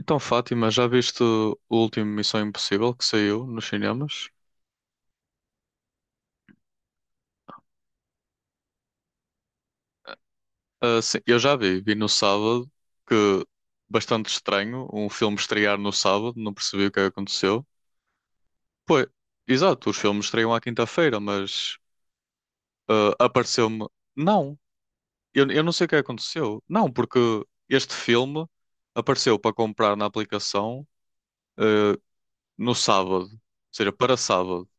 Então, Fátima, já viste o último Missão Impossível que saiu nos cinemas? Ah, sim, eu já vi no sábado, que bastante estranho, um filme estrear no sábado, não percebi o que é que aconteceu. Pois, exato, os filmes estreiam à quinta-feira, mas apareceu-me. Não, eu não sei o que é que aconteceu. Não, porque este filme apareceu para comprar na aplicação ah, no sábado, ou seja, para sábado,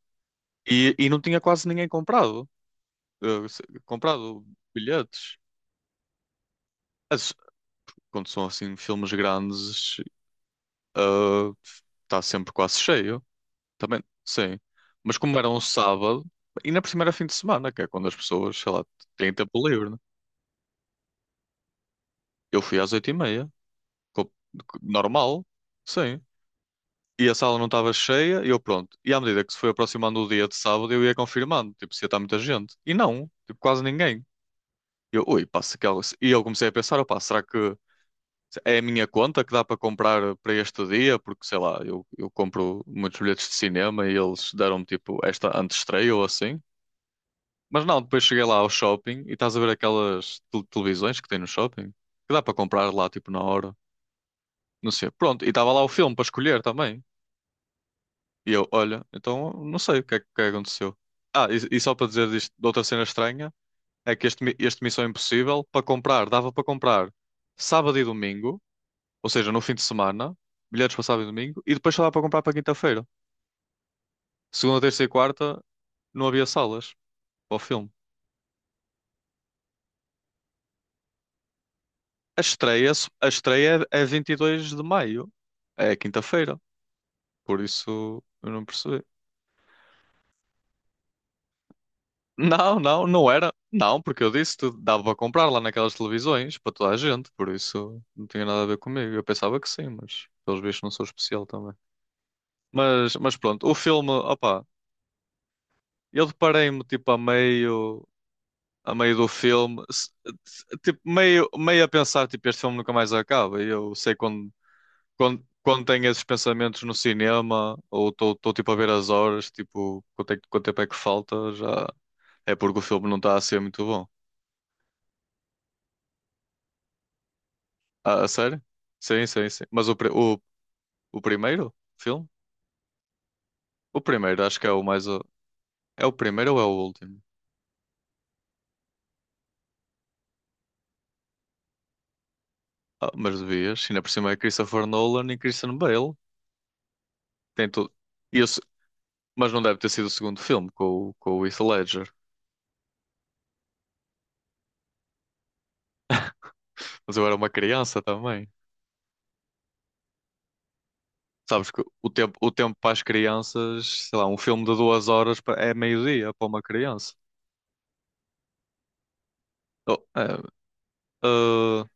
e não tinha quase ninguém comprado. Comprado bilhetes. Mas quando são assim filmes grandes, eh, está sempre quase cheio. Também, sim. Mas como era um sábado, e na primeira fim de semana, que é quando as pessoas, sei lá, têm tempo livre, né? Eu fui às 8h30, co- normal, sim. E a sala não estava cheia, e eu pronto. E à medida que se foi aproximando o dia de sábado, eu ia confirmando, tipo, se ia estar muita gente. E não, tipo, quase ninguém. E eu, ui, passa que algo. E eu comecei a pensar, opá, será que é a minha conta que dá para comprar para este dia, porque sei lá, eu compro muitos bilhetes de cinema e eles deram-me tipo esta antestreia ou assim. Mas não, depois cheguei lá ao shopping e estás a ver aquelas televisões que tem no shopping, que dá para comprar lá tipo na hora, não sei. Pronto, e estava lá o filme para escolher também. E eu, olha, então não sei o que é que aconteceu. Ah, e só para dizer disto, de outra cena estranha, é que este Missão Impossível, para comprar, dava para comprar sábado e domingo. Ou seja, no fim de semana, bilhetes para sábado e domingo, e depois só dá para comprar para quinta-feira. Segunda, terça e quarta não havia salas para o filme. A estreia, a estreia é 22 de maio, é quinta-feira, por isso eu não percebi. Não, não, não era. Não, porque eu disse que dava para comprar lá naquelas televisões para toda a gente, por isso não tinha nada a ver comigo. Eu pensava que sim, mas pelos vistos não sou especial também. Mas pronto, o filme, opá, eu deparei-me tipo a meio do filme, tipo, meio a pensar, tipo, este filme nunca mais acaba. E eu sei quando tenho esses pensamentos no cinema, ou estou tipo a ver as horas, tipo, quanto, é que- quanto tempo é que falta, já é porque o filme não está a ser muito bom. Ah, a sério? Sim, sim, sim. Mas o primeiro filme? O primeiro, acho que é o mais. É o primeiro ou é o último? Ah, mas devias, ainda por cima é Christopher Nolan e Christian Bale. Tem tudo. Isso, mas não deve ter sido o segundo filme com, com o Heath Ledger. Mas eu era uma criança também. Sabes que o tempo para as crianças, sei lá, um filme de 2 horas é meio-dia para uma criança. Oh, é, ah,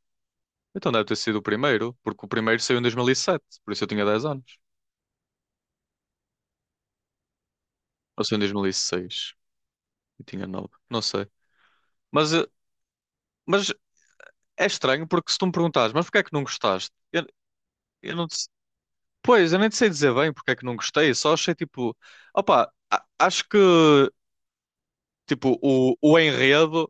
então deve ter sido o primeiro, porque o primeiro saiu em 2007, por isso eu tinha 10 anos. Ou saiu em 2006 e seis e tinha 9 não sei. Mas, eh, mas é estranho porque se tu me perguntares, mas porquê é que não gostaste? Eu não te, pois, eu nem te sei dizer bem porque é que não gostei, só achei tipo, opa, acho que tipo o enredo.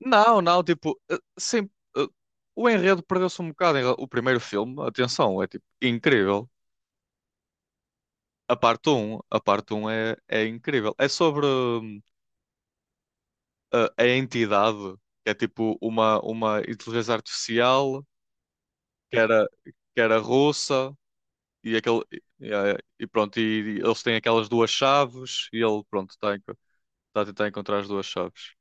Não, não, tipo, sim, eh, o enredo perdeu-se um bocado. O primeiro filme, atenção, é tipo incrível. A parte um é incrível. É sobre a entidade, que é tipo uma inteligência artificial que era, que era russa e, aquele, e pronto, eles têm aquelas duas chaves e ele, pronto, está a tentar encontrar as duas chaves.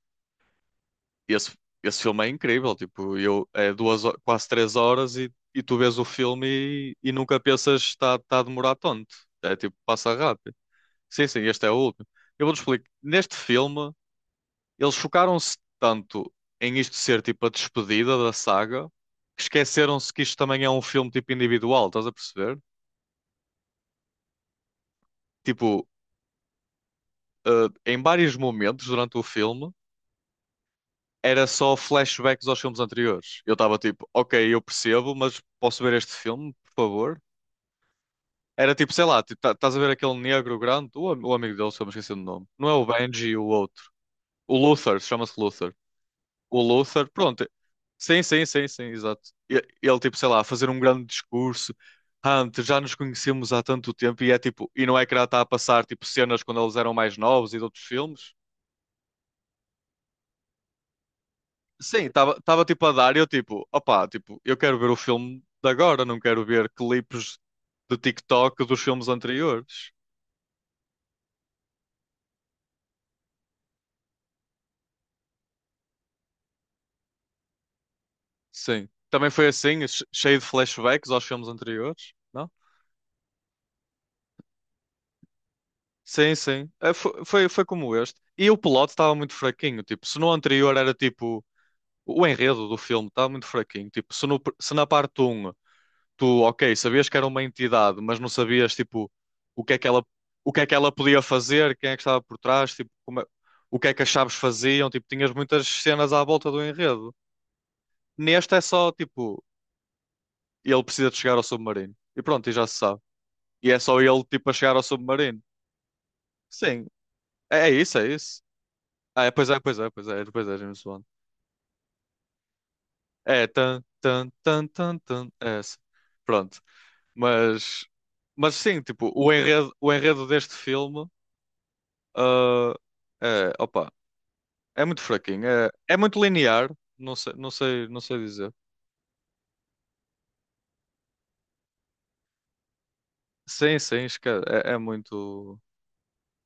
esse, esse filme é incrível, tipo, eu, quase 3 horas e tu vês o filme e nunca pensas está tá a demorar tanto. É tipo, passa rápido. Sim, sim, este é o último. Eu vou-te explicar. Neste filme, eles focaram-se tanto em isto ser tipo a despedida da saga, que esqueceram-se que isto também é um filme tipo individual, estás a perceber? Tipo, em vários momentos durante o filme, era só flashbacks aos filmes anteriores. Eu estava tipo, ok, eu percebo, mas posso ver este filme, por favor? Era tipo, sei lá, tipo, estás a ver aquele negro grande, o, o amigo dele, se eu me esqueci do nome. Não é o Benji, o outro. O Luther, chama-se Luther. O Luther, pronto. Sim, sim, sim, sim, exato. Ele, tipo, sei lá, a fazer um grande discurso. Hunter, já nos conhecemos há tanto tempo e é tipo, e não é que era tá a passar tipo cenas quando eles eram mais novos e de outros filmes? Sim, estava tipo a dar e eu tipo, opá, tipo, eu quero ver o filme de agora, não quero ver clipes de TikTok dos filmes anteriores. Sim. Também foi assim, cheio de flashbacks aos filmes anteriores, não? Sim, sim. Eh, foi, como este. E o plot estava muito fraquinho. Tipo, se no anterior era tipo. O enredo do filme estava muito fraquinho. Tipo, se, se na parte um tu, ok, sabias que era uma entidade, mas não sabias, tipo, o que é que ela, o que é que ela podia fazer, quem é que estava por trás, tipo, o que é que as chaves faziam. Tipo, tinhas muitas cenas à volta do enredo. Neste é só, tipo, ele precisa de chegar ao submarino. E pronto, e já se sabe. E é só ele, tipo, a chegar ao submarino. Sim, é isso, é isso. Ah, é, pois é, pois é, pois é, depois é James Bond. É, tan, tan, tan, tan, tan, é essa. Pronto, mas, mas sim, tipo, o enredo deste filme, ah, é, opa, é muito fraquinho, é, é muito linear, não sei, não sei, não sei dizer. Sim, sim, é muito.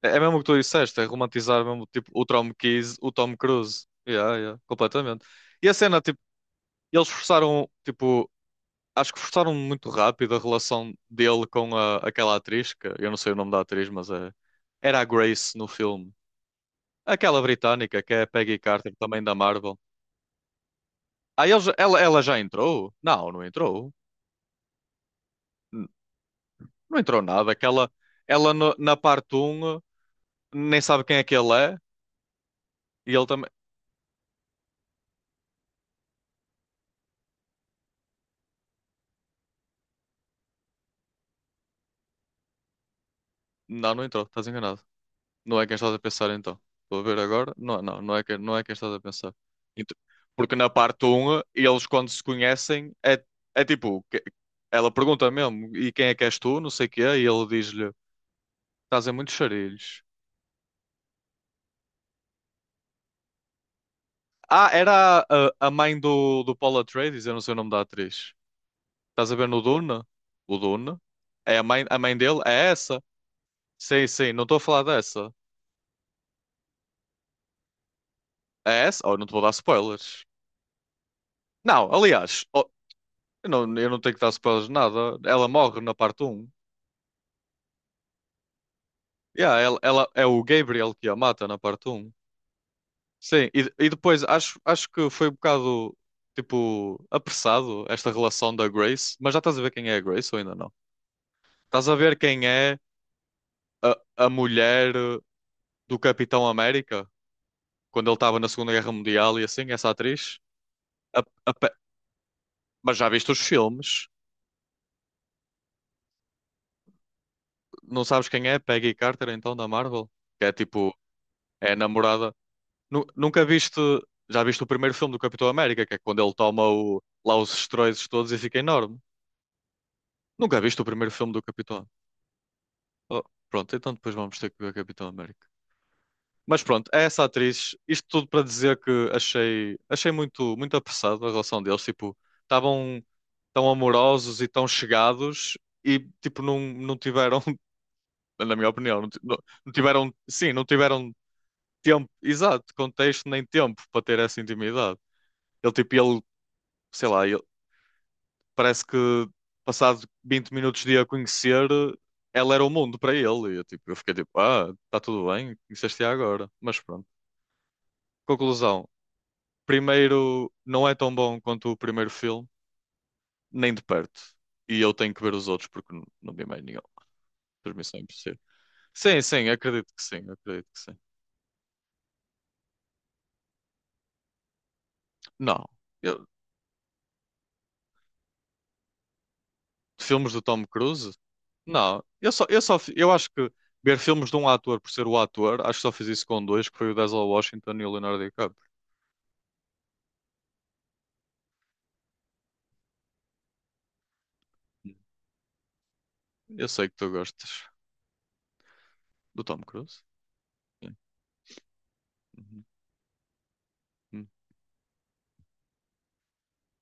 É mesmo o que tu disseste, é romantizar mesmo, tipo, o Tom Cruise, o Tom Cruise. Yeah, yeah, completamente. E a cena, tipo. E eles forçaram, tipo, acho que forçaram muito rápido a relação dele com aquela atriz, que eu não sei o nome da atriz, mas era a Grace no filme. Aquela britânica que é a Peggy Carter, também da Marvel. Ah, ela já entrou? Não, não entrou. N- Não entrou nada. Ela na parte um nem sabe quem é que ele é e ele também. Não, não entrou, estás enganado. Não é quem estás a pensar então. Estou a ver agora. Não, não, não é quem estás a pensar. Ent- Porque na parte 1, eles quando se conhecem, é tipo, ela pergunta mesmo, e quem é que és tu? Não sei o quê, e ele diz-lhe, estás em muitos charilhos. Ah, era a mãe do, do Paul Atreides, eu não sei o nome da atriz. Estás a ver no Duna? O Duna? É a mãe dele? É essa? Sim, sim, não estou a falar dessa. É essa? Oh, não te vou dar spoilers. Não, aliás, eu não, eu não tenho que dar spoilers de nada. Ela morre na parte 1. Yeah, é o Gabriel que a mata na parte um. Sim, e depois acho que foi um bocado tipo apressado esta relação da Grace, mas já estás a ver quem é a Grace ou ainda não? Estás a ver quem é a, a mulher do Capitão América quando ele estava na Segunda Guerra Mundial e assim, essa atriz? A- a Pe- mas já viste os filmes? Não sabes quem é? Peggy Carter então da Marvel? Que é tipo, é a namorada. Nunca viste. Já viste o primeiro filme do Capitão América, que é quando ele toma lá os esteroides todos e fica enorme. Nunca viste o primeiro filme do Capitão. Oh, pronto, então depois vamos ter que ver Capitão América. Mas pronto, é essa atriz. Isto tudo para dizer que achei muito, muito apressado a relação deles. Tipo, estavam tão amorosos e tão chegados e tipo, não, não tiveram, na minha opinião, não tiveram, sim, não tiveram tempo, exato, contexto nem tempo para ter essa intimidade. Ele tipo, ele sei lá, ele, parece que passado 20 minutos de a conhecer, ela era o mundo para ele. E eu, tipo, eu fiquei tipo, ah, está tudo bem, conheceste-a agora. Mas pronto. Conclusão. Primeiro, não é tão bom quanto o primeiro filme, nem de perto. E eu tenho que ver os outros porque não vi mais nenhum. Transmissão impossível. Sim, sim, acredito que sim, acredito que sim. Não. Eu- Filmes do Tom Cruise? Não. Eu acho que ver filmes de um ator por ser o ator, acho que só fiz isso com dois, que foi o Denzel Washington e o Leonardo DiCaprio. Eu sei que tu gostas do Tom Cruise. Sim. Uhum. Hum,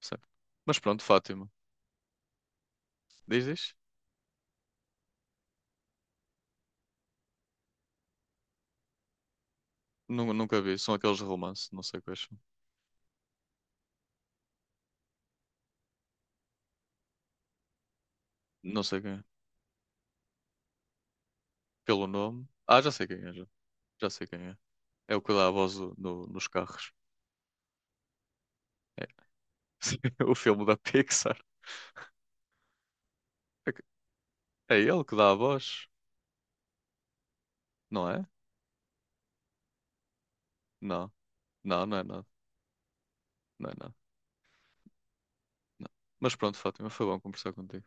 certo. Mas pronto, Fátima. Diz, diz. Nunca vi. São aqueles de romance. Não sei quais são. Não sei quem é. Pelo nome. Ah, já sei quem é. Já sei quem é. É o que dá a voz nos carros. É. O filme da Pixar. É que- é ele que dá a voz. Não é? Não. Não, não é nada. Não é nada. Não. Mas pronto, Fátima. Foi bom conversar contigo.